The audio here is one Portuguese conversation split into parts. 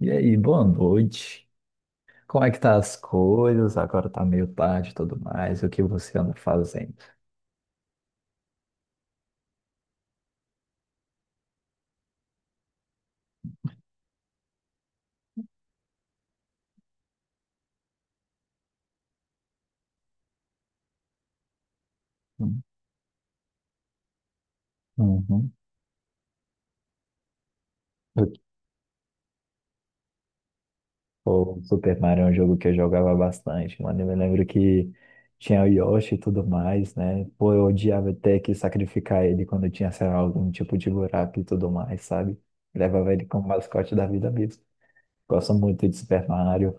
E aí, boa noite. Como é que tá as coisas? Agora tá meio tarde e tudo mais. O que você anda fazendo? Hum. Uhum. O Super Mario é um jogo que eu jogava bastante, mano. Eu me lembro que tinha o Yoshi e tudo mais, né? Pô, eu odiava ter que sacrificar ele quando tinha, sei lá, algum tipo de buraco e tudo mais, sabe? Levava ele como mascote da vida mesmo. Gosto muito de Super Mario.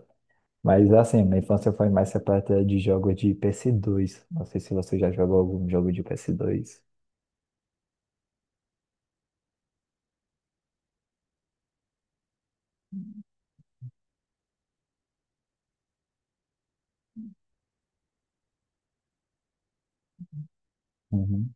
Mas assim, minha infância foi mais repleta de jogos de PS2. Não sei se você já jogou algum jogo de PS2. Uhum.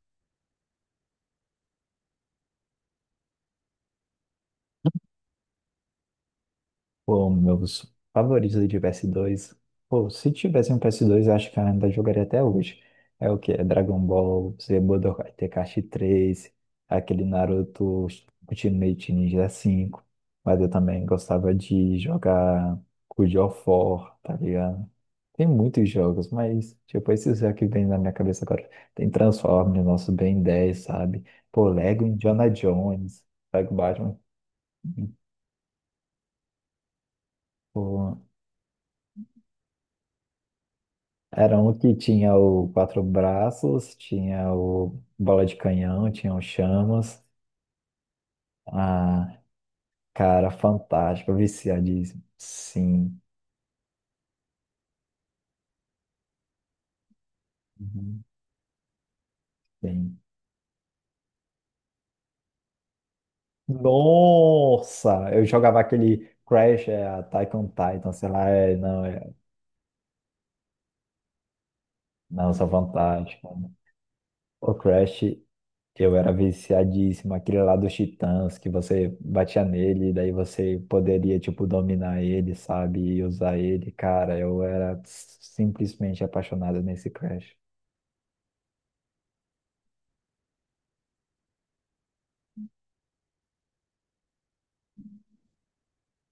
Pô, meus favoritos de PS2. Pô, se tivesse um PS2, eu acho que eu ainda jogaria até hoje. É o que? É Dragon Ball Z Budokai Tenkaichi 3, aquele Naruto Ultimate Ninja 5. Mas eu também gostava de jogar God of War, tá ligado? Tem muitos jogos, mas tipo, esses é que vem na minha cabeça agora. Tem Transformers, nosso Ben 10, sabe? Pô, Lego Indiana Jones, Lego Batman. Pô, era um que tinha o Quatro Braços, tinha o Bola de Canhão, tinha o Chamas. Ah, cara, fantástico, viciadíssimo. Sim. Uhum, sim. Nossa! Eu jogava aquele Crash, é, Attack on Titan, sei lá, é, não, é, nossa, fantástico, né? O Crash, eu era viciadíssimo, aquele lá dos Titãs, que você batia nele, e daí você poderia, tipo, dominar ele, sabe? E usar ele. Cara, eu era simplesmente apaixonado nesse Crash.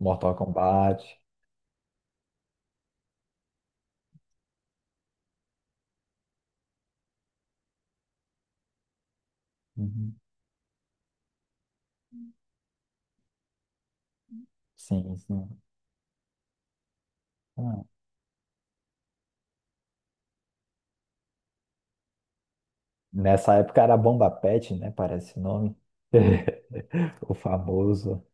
Mortal Kombat. Uhum. Sim, sim. Ah, nessa época era Bomba Pet, né? Parece o nome. O famoso.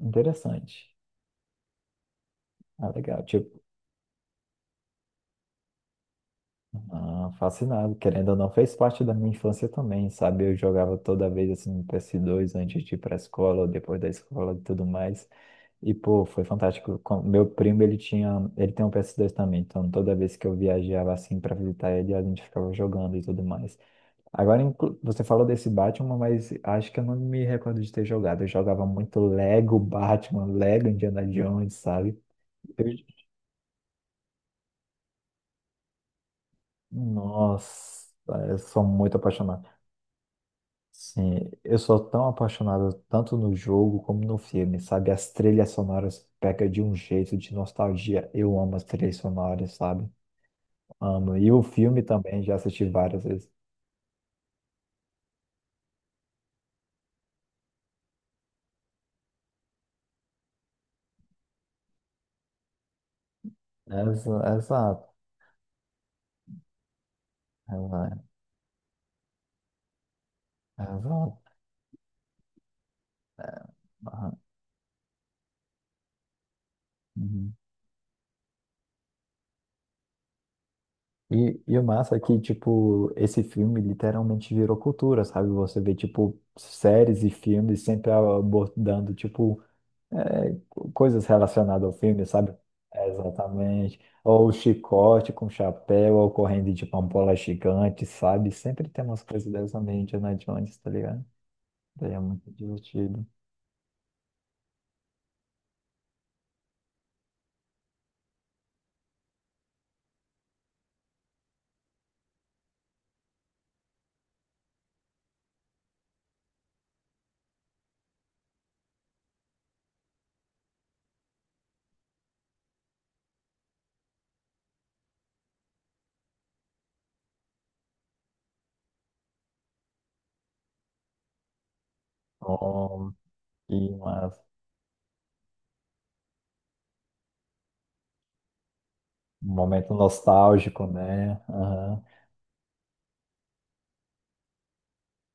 Interessante. Ah, legal. Tipo. Ah, fascinado, querendo ou não, fez parte da minha infância também, sabe? Eu jogava toda vez assim no PS2 antes de ir pra escola, depois da escola e tudo mais. E pô, foi fantástico. Meu primo, ele tinha, ele tem um PS2 também, então toda vez que eu viajava assim pra visitar ele, a gente ficava jogando e tudo mais. Agora você falou desse Batman, mas acho que eu não me recordo de ter jogado. Eu jogava muito Lego Batman, Lego Indiana Jones, sabe? Eu- Nossa, eu sou muito apaixonado. Sim, eu sou tão apaixonado tanto no jogo como no filme, sabe? As trilhas sonoras pegam de um jeito de nostalgia. Eu amo as trilhas sonoras, sabe? Amo. E o filme também, já assisti várias vezes. Exato. Exa- Exato. Aham. Uhum. E o massa é que, tipo, esse filme literalmente virou cultura, sabe? Você vê, tipo, séries e filmes sempre abordando, tipo, coisas relacionadas ao filme, sabe? Exatamente. Ou o chicote com chapéu, ou correndo de pampola gigante, sabe? Sempre tem umas coisas dessa meio Indiana Jones, tá ligado? Daí é muito divertido. Bom, e um momento nostálgico, né? Aham.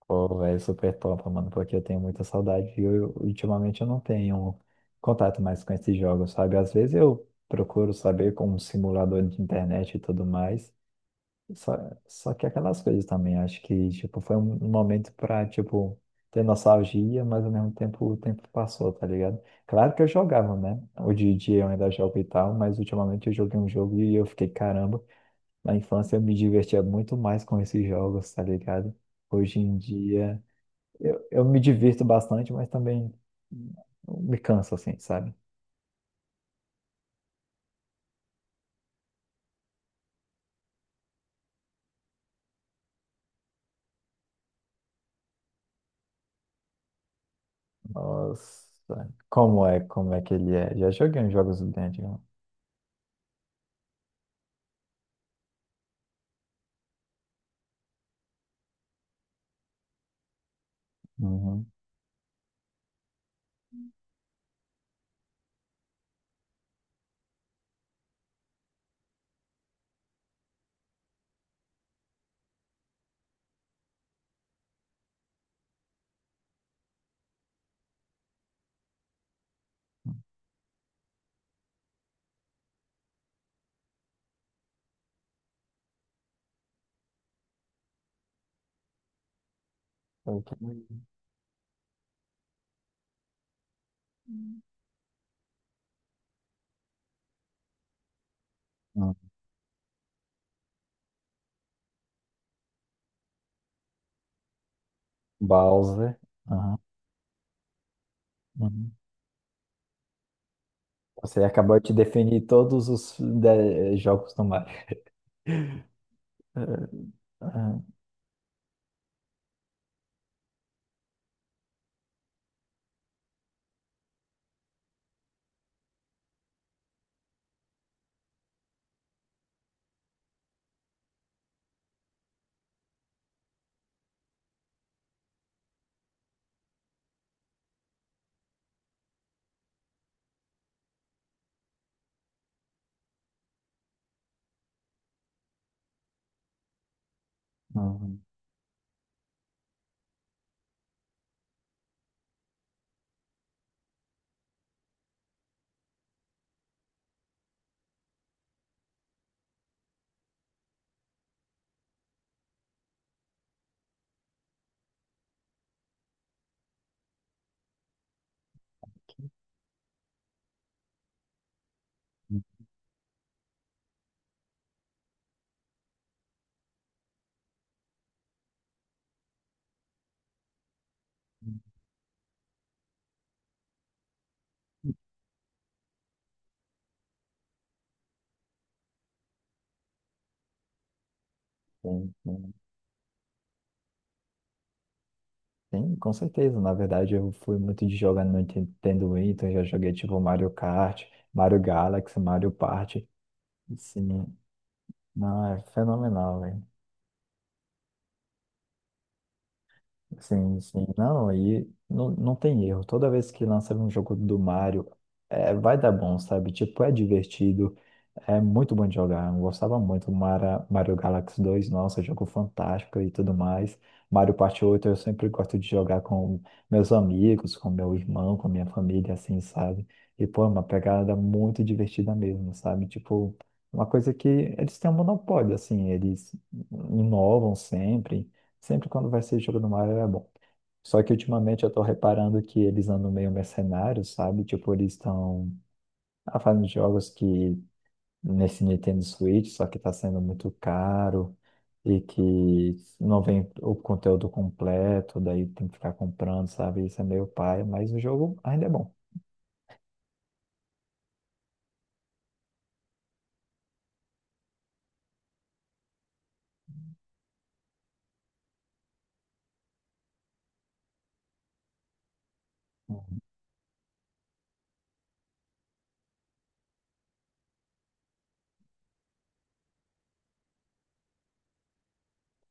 Pô, velho, super top, mano, porque eu tenho muita saudade e ultimamente eu não tenho contato mais com esses jogos, sabe? Às vezes eu procuro saber com um simulador de internet e tudo mais. Só, só que aquelas coisas também, acho que, tipo, foi um momento pra, tipo, ter nostalgia, mas ao mesmo tempo o tempo passou, tá ligado? Claro que eu jogava, né? Hoje em dia eu ainda jogo e tal, mas ultimamente eu joguei um jogo e eu fiquei, caramba, na infância eu me divertia muito mais com esses jogos, tá ligado? Hoje em dia eu me divirto bastante, mas também me canso, assim, sabe? Nossa, como é que ele é? Já joguei uns jogos do Dungeon. Uhum. Ok. Uhum. Bowser. Aham, uhum. Você acabou de definir todos os jogos do Mario. Eh, Uhum. Tem, tem, tem, com certeza. Na verdade, eu fui muito de jogar no Nintendo Wii, então eu já joguei tipo Mario Kart, Mario Galaxy, Mario Party. Sim, não, é fenomenal, velho. Sim, sim. Não, aí não, não tem erro. Toda vez que lançar um jogo do Mario, é, vai dar bom, sabe? Tipo, é divertido, é muito bom de jogar. Eu gostava muito do Mario Galaxy 2, nossa, jogo fantástico e tudo mais. Mario Party 8. Eu sempre gosto de jogar com meus amigos, com meu irmão, com minha família, assim, sabe? E, pô, é uma pegada muito divertida mesmo, sabe? Tipo, uma coisa que eles têm um monopólio, assim, eles inovam sempre. Sempre quando vai ser jogo no Mario é bom. Só que ultimamente eu tô reparando que eles andam meio mercenários, sabe? Tipo, eles estão fazendo jogos que nesse Nintendo Switch, só que tá sendo muito caro e que não vem o conteúdo completo, daí tem que ficar comprando, sabe? Isso é meio pai, mas o jogo ainda é bom. Uhum.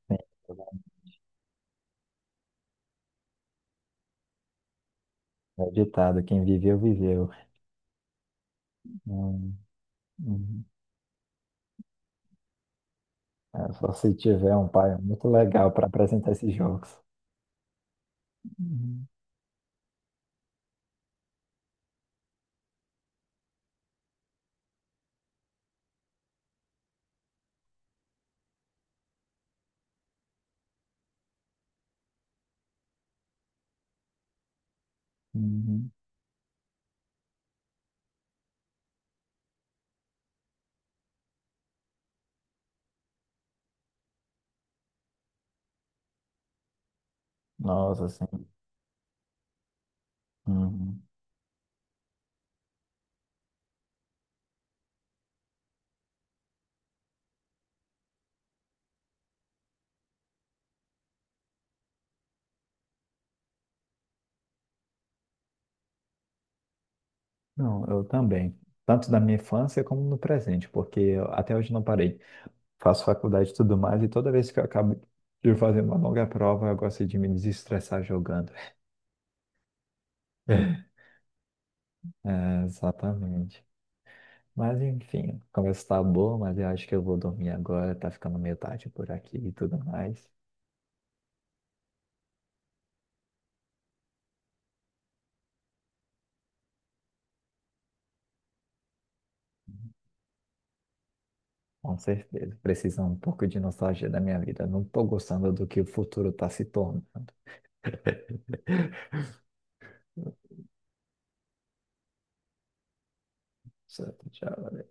Sim, é ditado, quem viveu, viveu. Hum, hum. É, só se tiver um pai muito legal para apresentar esses jogos. Uhum. Uhum. Nossa, assim. Uhum. Não, eu também. Tanto da minha infância como no presente, porque eu até hoje não parei. Faço faculdade e tudo mais, e toda vez que eu acabo de fazer uma longa prova, eu gosto de me desestressar jogando. É, exatamente. Mas enfim, a conversa tá boa, mas eu acho que eu vou dormir agora, tá ficando meio tarde por aqui e tudo mais. Com certeza. Precisa um pouco de nostalgia da minha vida. Não tô gostando do que o futuro tá se tornando. Certo, tchau.